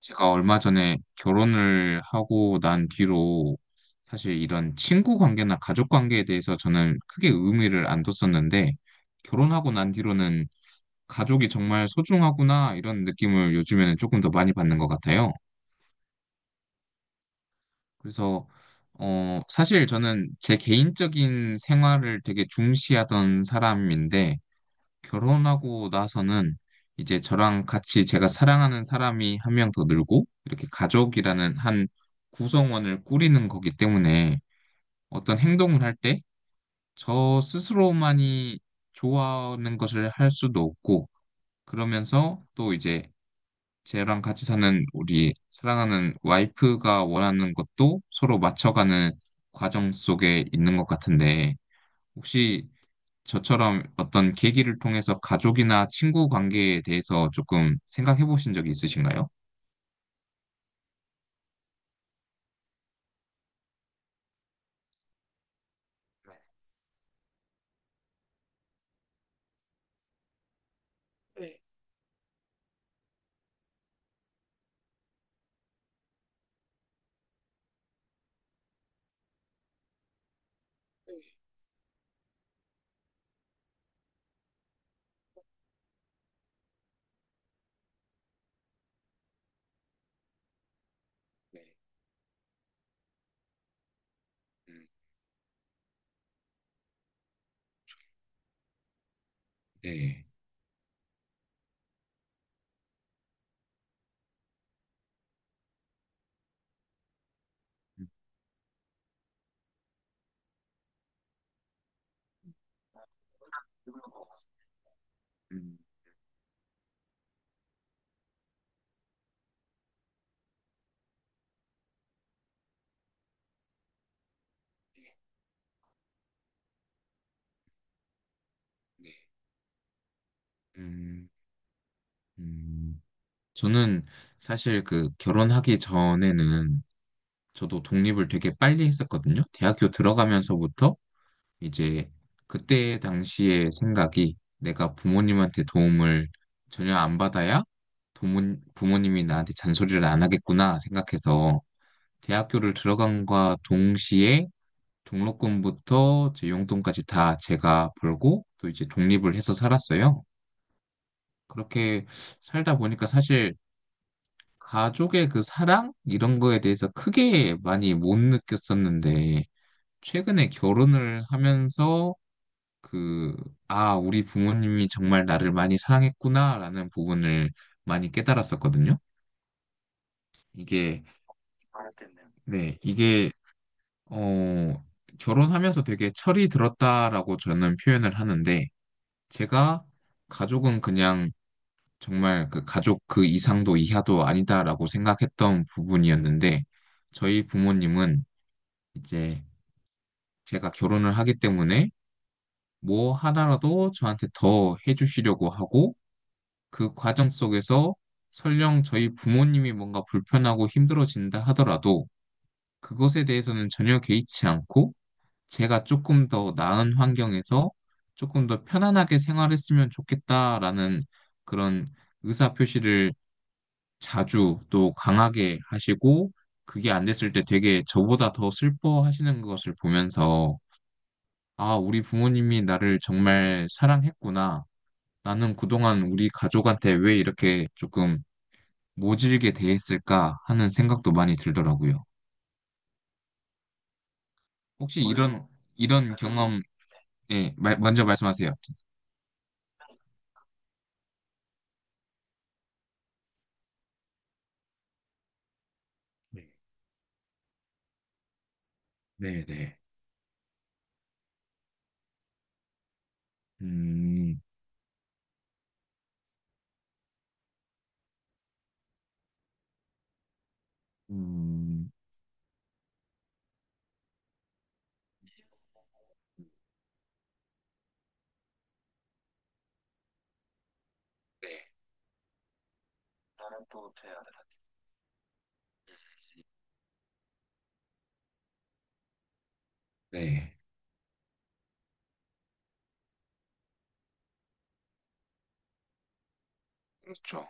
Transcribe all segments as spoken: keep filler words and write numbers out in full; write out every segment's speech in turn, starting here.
제가 얼마 전에 결혼을 하고 난 뒤로 사실 이런 친구 관계나 가족 관계에 대해서 저는 크게 의미를 안 뒀었는데, 결혼하고 난 뒤로는 가족이 정말 소중하구나, 이런 느낌을 요즘에는 조금 더 많이 받는 것 같아요. 그래서 어, 사실 저는 제 개인적인 생활을 되게 중시하던 사람인데, 결혼하고 나서는 이제 저랑 같이 제가 사랑하는 사람이 한 명 더 늘고, 이렇게 가족이라는 한 구성원을 꾸리는 거기 때문에 어떤 행동을 할 때 저 스스로만이 좋아하는 것을 할 수도 없고, 그러면서 또 이제 저랑 같이 사는 우리 사랑하는 와이프가 원하는 것도 서로 맞춰가는 과정 속에 있는 것 같은데, 혹시 저처럼 어떤 계기를 통해서 가족이나 친구 관계에 대해서 조금 생각해 보신 적이 있으신가요? 네. 음, 네. 음, 네. 음, 음, 저는 사실 그 결혼하기 전에는 저도 독립을 되게 빨리 했었거든요. 대학교 들어가면서부터 이제 그때 당시의 생각이, 내가 부모님한테 도움을 전혀 안 받아야 부모, 부모님이 나한테 잔소리를 안 하겠구나 생각해서 대학교를 들어간과 동시에 등록금부터 제 용돈까지 다 제가 벌고, 또 이제 독립을 해서 살았어요. 그렇게 살다 보니까 사실 가족의 그 사랑 이런 거에 대해서 크게 많이 못 느꼈었는데, 최근에 결혼을 하면서 그, 아, 우리 부모님이 정말 나를 많이 사랑했구나라는 부분을 많이 깨달았었거든요. 이게, 네, 이게, 어, 결혼하면서 되게 철이 들었다라고 저는 표현을 하는데, 제가 가족은 그냥 정말 그 가족 그 이상도 이하도 아니다라고 생각했던 부분이었는데, 저희 부모님은 이제 제가 결혼을 하기 때문에 뭐 하나라도 저한테 더 해주시려고 하고, 그 과정 속에서 설령 저희 부모님이 뭔가 불편하고 힘들어진다 하더라도 그것에 대해서는 전혀 개의치 않고 제가 조금 더 나은 환경에서 조금 더 편안하게 생활했으면 좋겠다라는 그런 의사 표시를 자주 또 강하게 하시고, 그게 안 됐을 때 되게 저보다 더 슬퍼하시는 것을 보면서 아, 우리 부모님이 나를 정말 사랑했구나. 나는 그동안 우리 가족한테 왜 이렇게 조금 모질게 대했을까 하는 생각도 많이 들더라고요. 혹시 맞아요. 이런, 이런 경험, 예, 말- 먼저 말씀하세요. 네네. 음, 음, 네, 나또야 네, 그렇죠.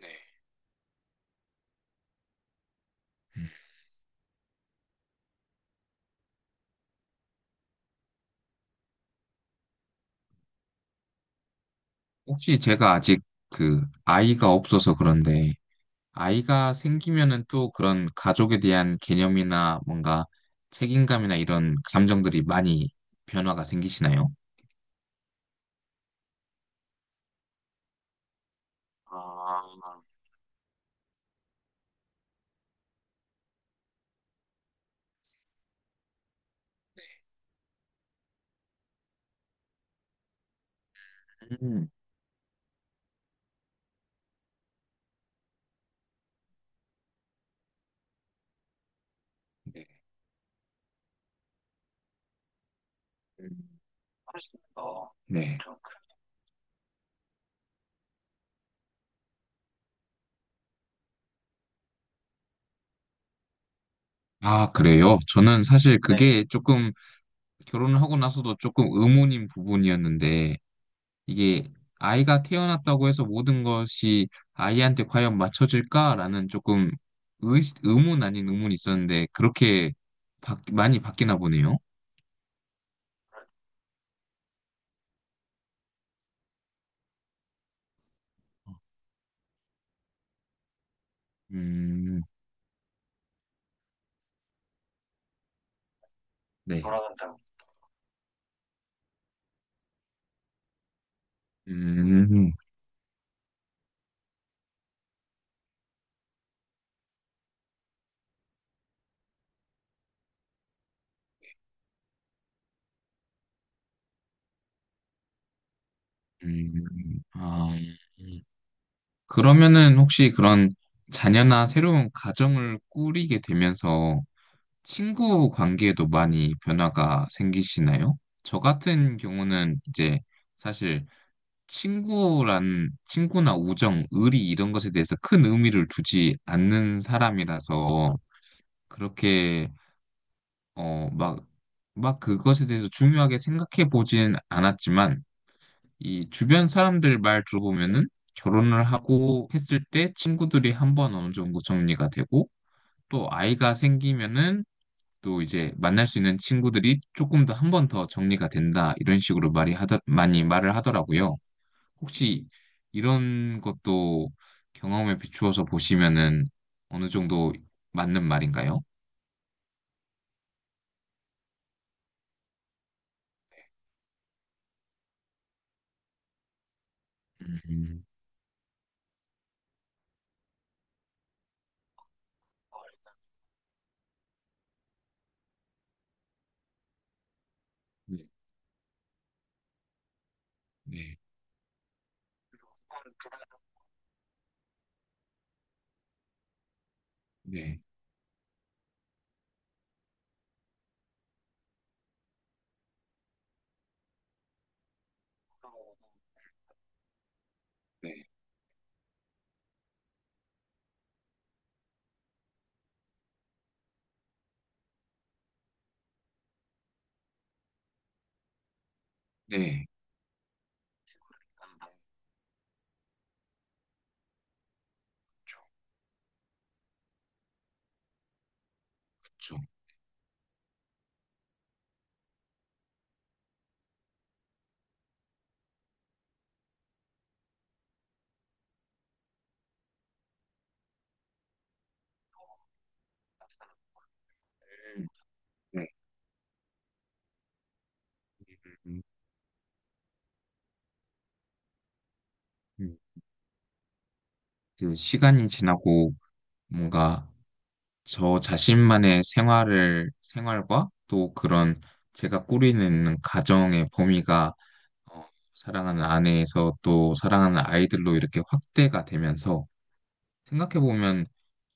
네. 음. 혹시 제가 아직 그 아이가 없어서 그런데, 아이가 생기면은 또 그런 가족에 대한 개념이나 뭔가 책임감이나 이런 감정들이 많이 변화가 생기시나요? 아, 음, 네. 음. 네. 아, 그래요? 저는 사실 네. 그게 조금 결혼을 하고 나서도 조금 의문인 부분이었는데, 이게 아이가 태어났다고 해서 모든 것이 아이한테 과연 맞춰질까라는 조금 의, 의문 아닌 의문이 있었는데, 그렇게 바, 많이 바뀌나 보네요. 음, 네. 음, 음, 아, 음. 그러면은 혹시 그런 자녀나 새로운 가정을 꾸리게 되면서 친구 관계에도 많이 변화가 생기시나요? 저 같은 경우는 이제 사실 친구란, 친구나 우정, 의리 이런 것에 대해서 큰 의미를 두지 않는 사람이라서 그렇게, 어, 막, 막 그것에 대해서 중요하게 생각해 보진 않았지만 이 주변 사람들 말 들어보면은 결혼을 하고 했을 때 친구들이 한번 어느 정도 정리가 되고 또 아이가 생기면은 또 이제 만날 수 있는 친구들이 조금 더 한 번 더 정리가 된다, 이런 식으로 말이 하다 많이 말을 하더라고요. 혹시 이런 것도 경험에 비추어서 보시면은 어느 정도 맞는 말인가요? 음, 네, 네, 네, 네, 네, 그렇죠. 그렇죠. 음, 네, 음, 음. 그 시간이 지나고 뭔가 저 자신만의 생활을 생활과 또 그런 제가 꾸리는 가정의 범위가 어, 사랑하는 아내에서 또 사랑하는 아이들로 이렇게 확대가 되면서 생각해보면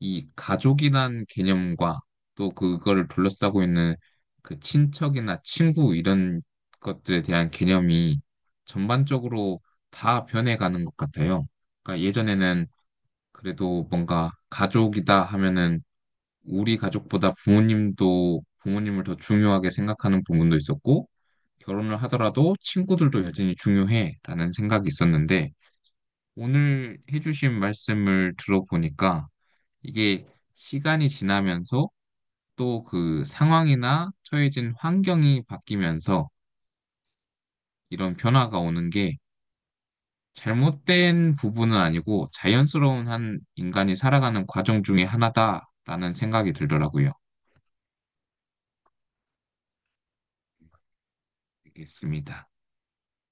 이 가족이란 개념과 또 그거를 둘러싸고 있는 그 친척이나 친구 이런 것들에 대한 개념이 전반적으로 다 변해가는 것 같아요. 그러니까 예전에는 그래도 뭔가 가족이다 하면은 우리 가족보다 부모님도 부모님을 더 중요하게 생각하는 부분도 있었고, 결혼을 하더라도 친구들도 여전히 중요해라는 생각이 있었는데, 오늘 해주신 말씀을 들어보니까 이게 시간이 지나면서 또 그 상황이나 처해진 환경이 바뀌면서 이런 변화가 오는 게 잘못된 부분은 아니고 자연스러운 한 인간이 살아가는 과정 중에 하나다라는 생각이 들더라고요. 알겠습니다.